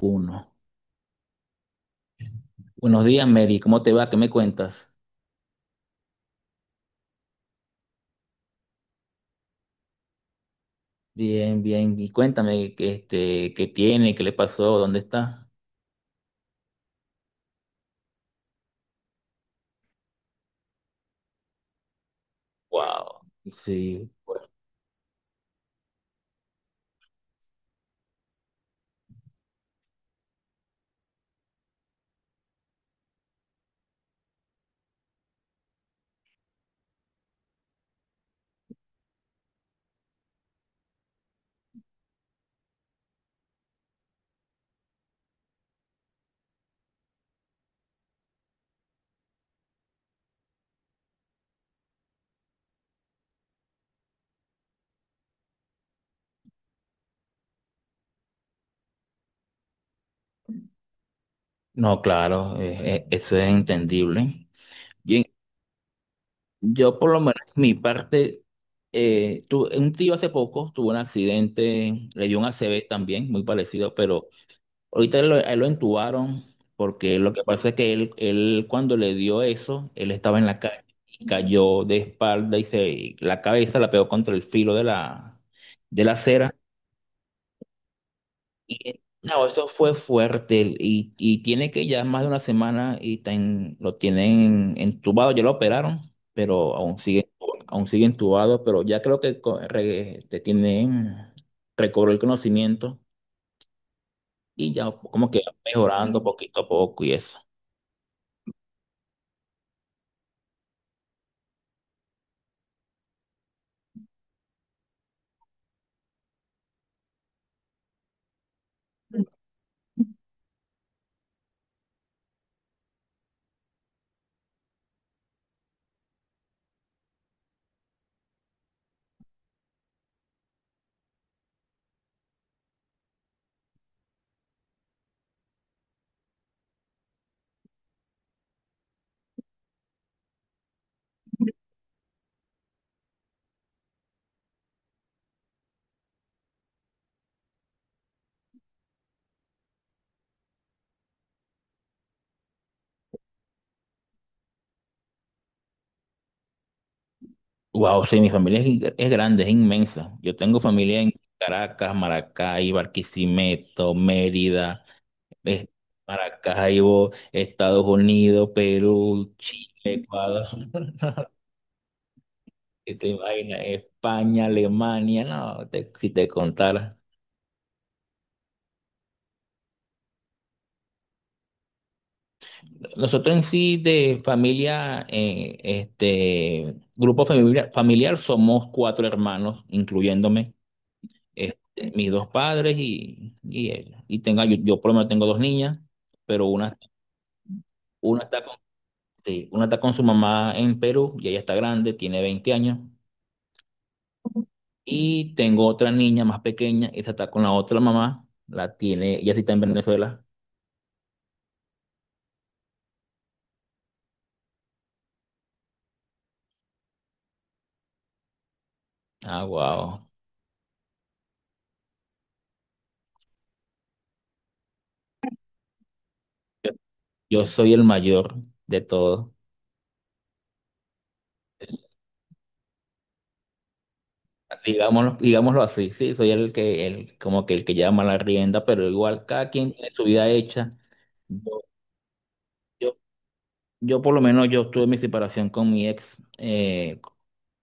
Uno. Buenos días, Mary. ¿Cómo te va? ¿Qué me cuentas? Bien, bien. Y cuéntame qué tiene, qué le pasó, dónde está. Wow. Sí. Bueno. No, claro, eso es entendible. Bien, yo por lo menos mi parte, un tío hace poco tuvo un accidente, le dio un ACV también, muy parecido, pero a él lo entubaron, porque lo que pasa es que él cuando le dio eso, él estaba en la calle y cayó de espalda y la cabeza la pegó contra el filo de la acera. Y no, eso fue fuerte y tiene que ya más de una semana y lo tienen entubado, ya lo operaron, pero aún sigue entubado, pero ya creo que recobró el conocimiento y ya como que va mejorando poquito a poco y eso. Wow, sí, mi familia es grande, es inmensa. Yo tengo familia en Caracas, Maracay, Barquisimeto, Mérida, es- Maracaibo, Estados Unidos, Perú, Chile, Ecuador, ¿qué te imaginas? España, Alemania, no, si te contara. Nosotros en sí de familia, este grupo familiar somos cuatro hermanos, incluyéndome. este, Mis dos padres y ella. Yo por lo menos tengo dos niñas, pero una está con, sí, una está con su mamá en Perú y ella está grande, tiene 20 años. Y tengo otra niña más pequeña, esa está con la otra mamá, la tiene, ella sí está en Venezuela. Ah, wow. Yo soy el mayor de todos. Digámoslo así, sí, soy el que, como que el que llama la rienda, pero igual cada quien tiene su vida hecha. Yo, yo Yo por lo menos yo tuve mi separación con mi ex,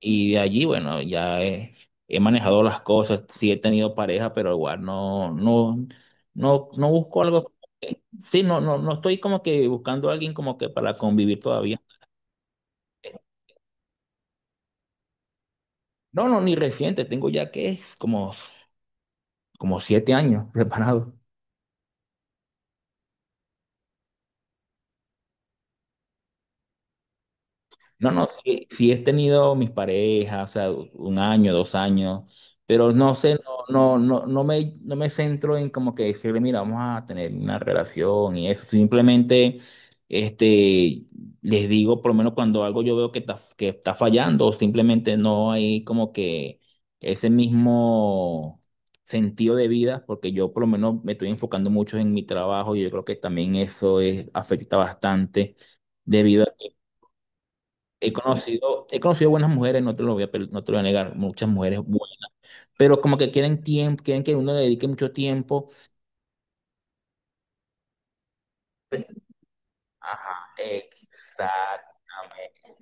y de allí, bueno, ya he manejado las cosas, sí he tenido pareja, pero igual no, no, no, no busco algo, sí, no, no, no estoy como que buscando a alguien como que para convivir todavía. No, no, ni reciente, tengo ya que como, como 7 años preparado. No, no, sí, sí he tenido mis parejas, o sea, 1 año, 2 años, pero no sé, no, no, no, no me centro en como que decirle, mira, vamos a tener una relación y eso. Simplemente, este, les digo, por lo menos cuando algo yo veo que está, fallando, simplemente no hay como que ese mismo sentido de vida, porque yo por lo menos me estoy enfocando mucho en mi trabajo y yo creo que también eso es, afecta bastante debido a. He conocido buenas mujeres, no te lo voy no te lo voy a negar, muchas mujeres buenas, pero como que quieren tiempo, quieren que uno le dedique mucho tiempo. Ajá, exactamente,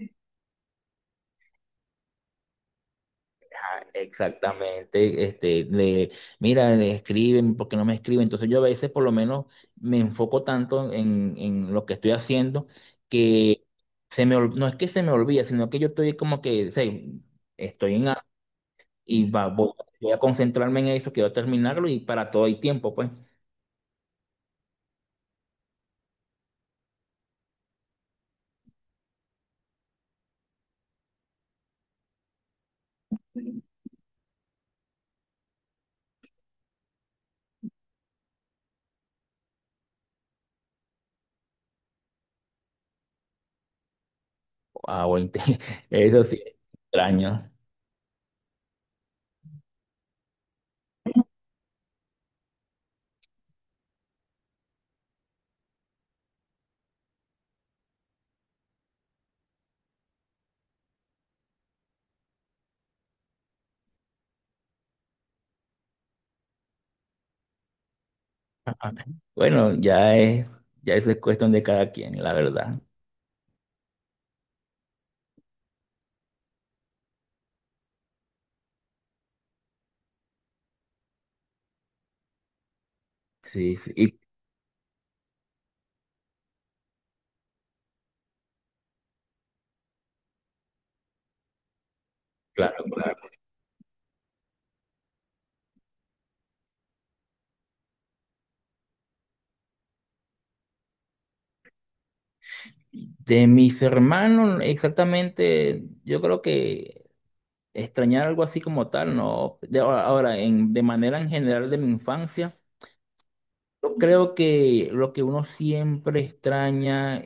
ajá, exactamente. Mira, le escriben, ¿porque no me escriben? Entonces yo a veces por lo menos me enfoco tanto en lo que estoy haciendo, que no es que se me olvida, sino que yo estoy como que, sé, estoy en algo y voy a concentrarme en eso, quiero terminarlo y para todo hay tiempo, pues. Wow, eso sí, es extraño. Ajá. Bueno, ya eso es cuestión de cada quien, la verdad. Sí, sí, y claro, claro. De mis hermanos, exactamente, yo creo que extrañar algo así como tal, no. De ahora, ahora, de manera en general de mi infancia, yo creo que lo que uno siempre extraña.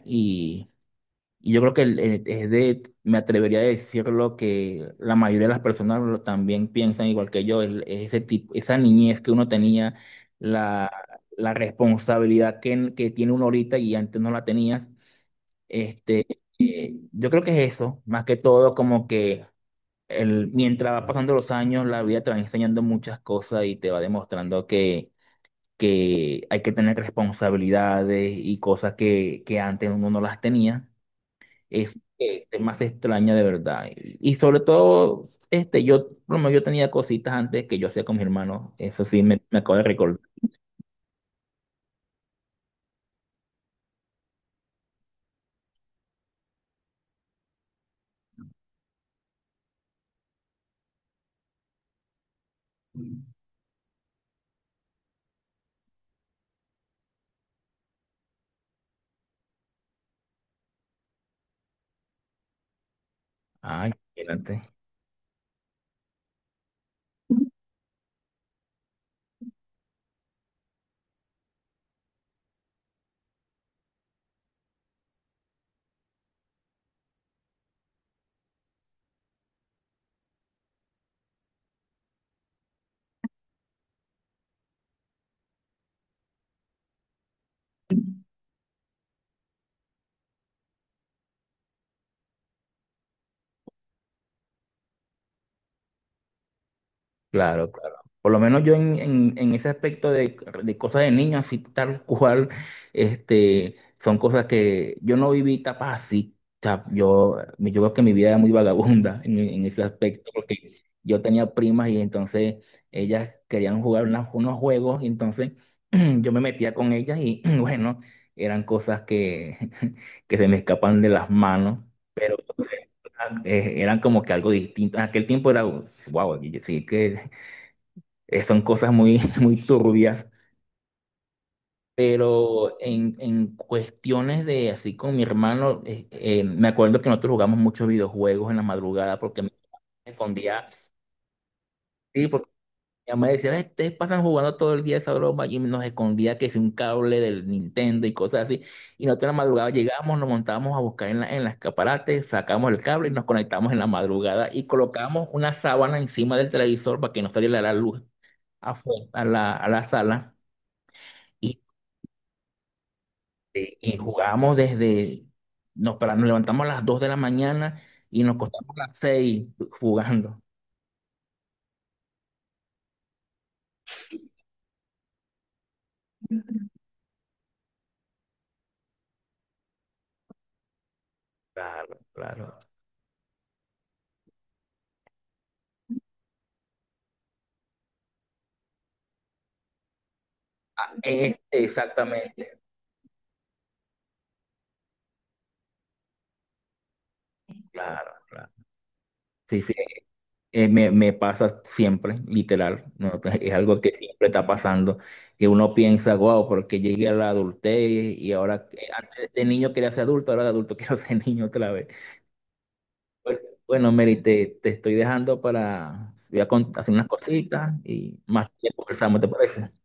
Y yo creo que me atrevería a decirlo, que la mayoría de las personas también piensan igual que yo, ese tipo, esa niñez que uno tenía, la, la responsabilidad que tiene uno ahorita y antes no la tenías. Este, yo creo que es eso, más que todo como que mientras va pasando los años, la vida te va enseñando muchas cosas y te va demostrando que, hay que tener responsabilidades y cosas que antes uno no las tenía. Es que es más extraña de verdad. Y sobre todo, yo, por lo menos yo tenía cositas antes que yo hacía con mis hermanos. Eso sí, me acabo de recordar. Ay, adelante. Claro, claro. Por lo menos yo en ese aspecto de cosas de niños, así tal cual, son cosas que yo no viví etapas así. O sea, yo creo que mi vida era muy vagabunda en ese aspecto, porque yo tenía primas y entonces ellas querían jugar unos juegos, y entonces yo me metía con ellas y bueno, eran cosas que, que se me escapan de las manos. Pero eran como que algo distinto. En aquel tiempo era, wow, sí que son cosas muy, muy turbias, pero en cuestiones de así con mi hermano, me acuerdo que nosotros jugamos muchos videojuegos en la madrugada porque me escondía, sí, porque mi mamá decía, "Ay, ustedes pasan jugando todo el día esa broma", y nos escondía que es un cable del Nintendo y cosas así. Y nosotros en la madrugada llegamos, nos montábamos a buscar en las escaparate, sacamos el cable y nos conectamos en la madrugada y colocamos una sábana encima del televisor para que no saliera la luz afuera, a la sala. Y jugábamos desde, nos levantamos a las 2 de la mañana y nos costamos las 6 jugando. Claro, claro. Exactamente, claro, claro. Sí, sí, me pasa siempre, literal. ¿No? Es algo que siempre está pasando, que uno piensa, wow, porque llegué a la adultez y ahora, antes de niño quería ser adulto, ahora de adulto quiero ser niño otra vez. Bueno, Mary, te estoy dejando para hacer unas cositas y más tiempo conversamos, ¿te parece?